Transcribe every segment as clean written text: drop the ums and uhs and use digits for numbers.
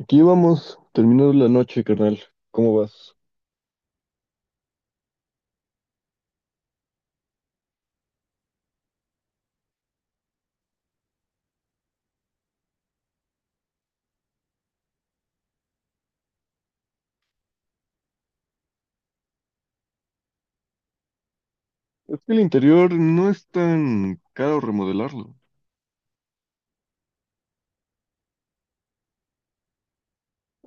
Aquí vamos, terminando la noche, carnal. ¿Cómo vas? Es que el interior no es tan caro remodelarlo.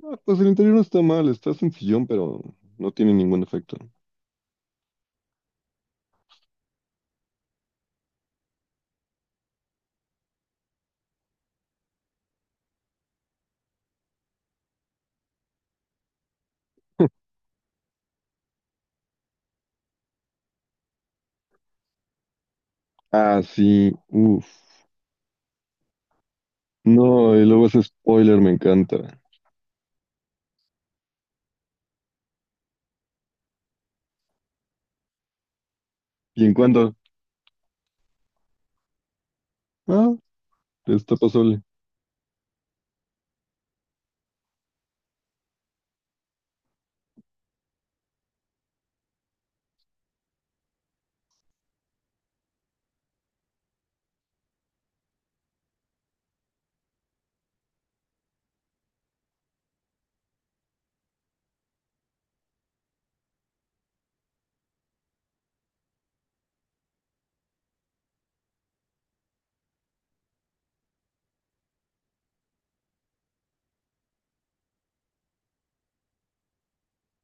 Ah, pues el interior no está mal, está sencillón, pero no tiene ningún efecto. Ah, sí, uff. No, y luego ese spoiler me encanta. ¿Y en cuánto? Ah, está pasable.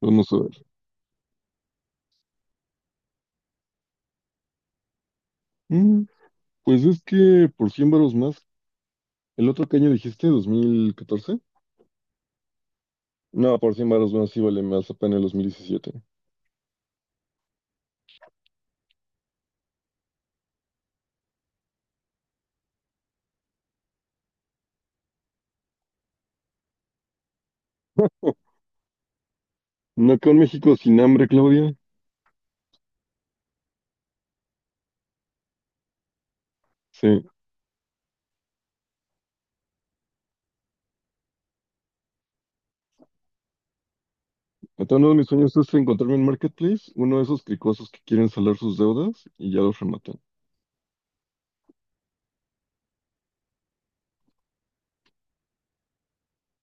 Vamos a ver. Mm, pues es que por 100 varos más. ¿El otro que año dijiste? ¿2014? No, por 100 varos más sí vale más apenas el 2017. ¿No quedó en México sin hambre, Claudia? Sí. Entonces, uno de mis sueños es encontrarme en Marketplace, uno de esos cricosos que quieren salar sus deudas y ya los rematan.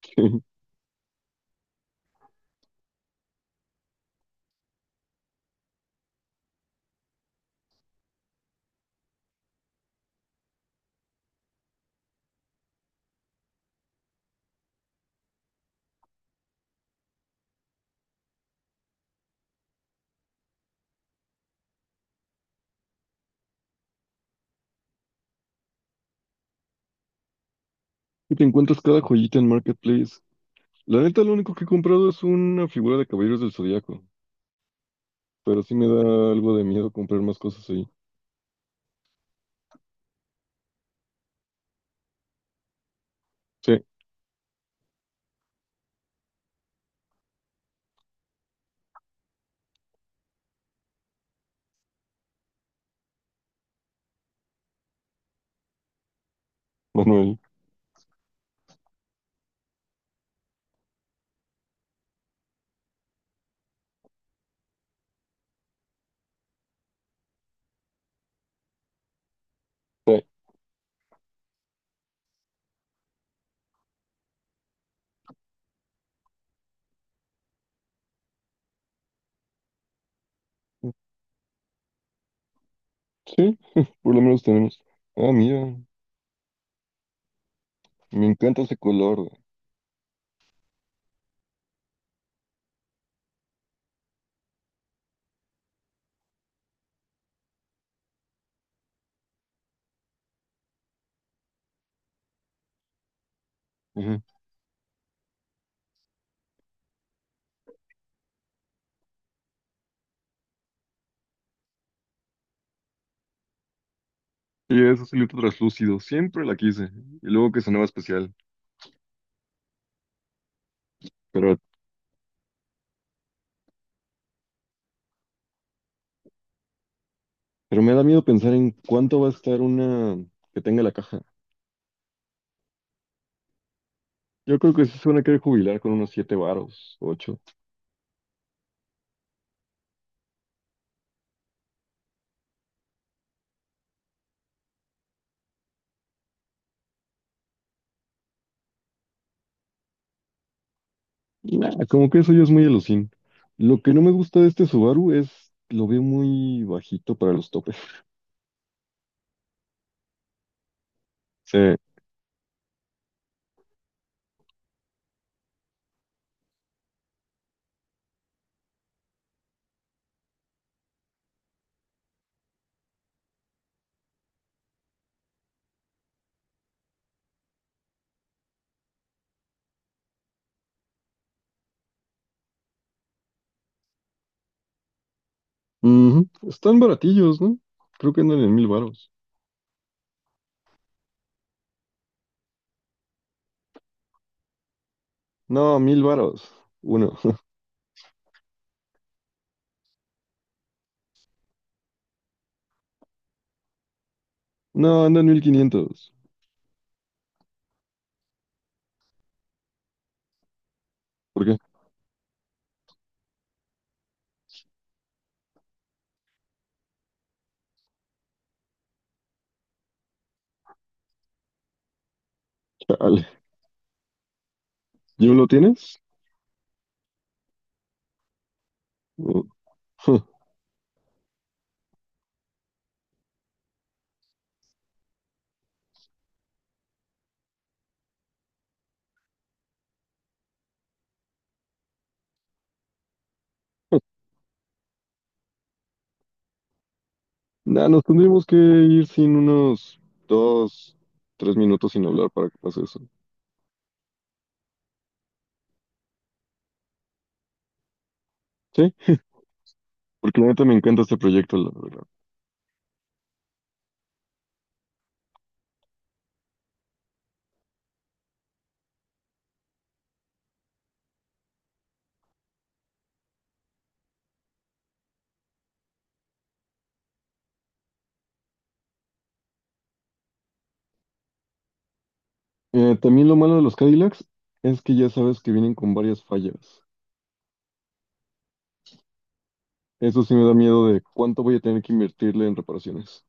Y te encuentras cada joyita en Marketplace. La neta, lo único que he comprado es una figura de Caballeros del Zodiaco, pero sí me da algo de miedo comprar más cosas ahí. Sí, Manuel. Sí, sí, por lo menos tenemos. Ah, mira, me encanta ese color, güey. Ajá. Y ese silito translúcido, siempre la quise. Y luego que sonaba especial. Pero, pero me da miedo pensar en cuánto va a estar una que tenga la caja. Yo creo que sí se van a querer jubilar con unos siete varos, ocho. Y nada, como que eso ya es muy alucín. Lo que no me gusta de este Subaru es, lo veo muy bajito para los topes. Sí. Ujú. Están baratillos, ¿no? Creo que andan en mil varos. No, mil varos. Uno. No, andan en mil quinientos. ¿Por qué? Chale. ¿Yo lo tienes? No. Nah, nos tendríamos que ir sin unos dos, tres minutos sin hablar para que pase eso. Porque la neta me encanta este proyecto, la verdad. También lo malo de los Cadillacs es que ya sabes que vienen con varias fallas. Eso sí me da miedo de cuánto voy a tener que invertirle en reparaciones.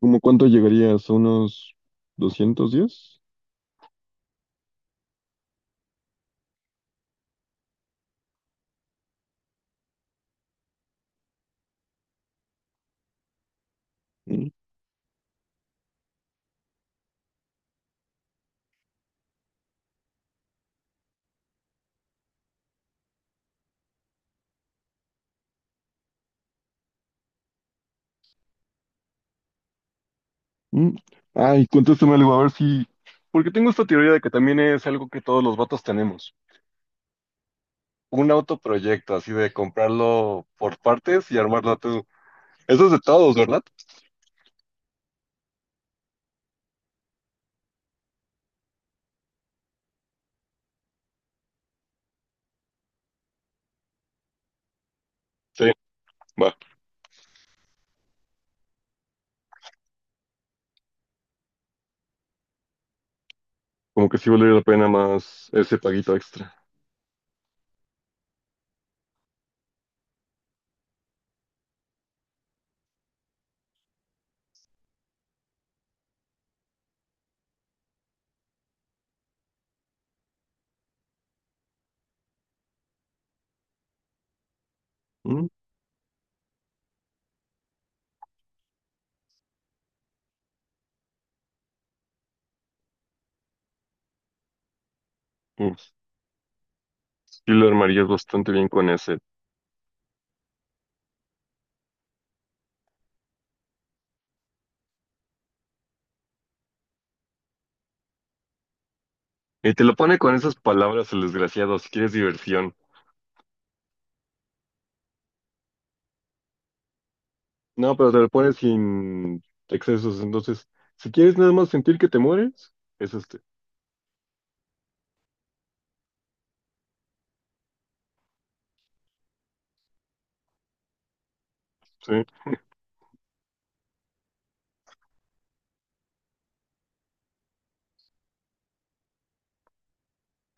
¿Cómo cuánto llegarías? ¿A unos 210? Mm, mm. Ay, contéstame algo, a ver si... Porque tengo esta teoría de que también es algo que todos los vatos tenemos. Un autoproyecto, así de comprarlo por partes y armarlo tú. Eso es de todos, ¿verdad? Sí, va. Como que sí valdría la pena más ese paguito extra. Mm, mm. Sí lo armarías bastante bien con ese. Y te lo pone con esas palabras el desgraciado, si quieres diversión. No, pero te lo pone sin excesos. Entonces, si quieres nada más sentir que te mueres, es este. Sí,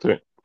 sí.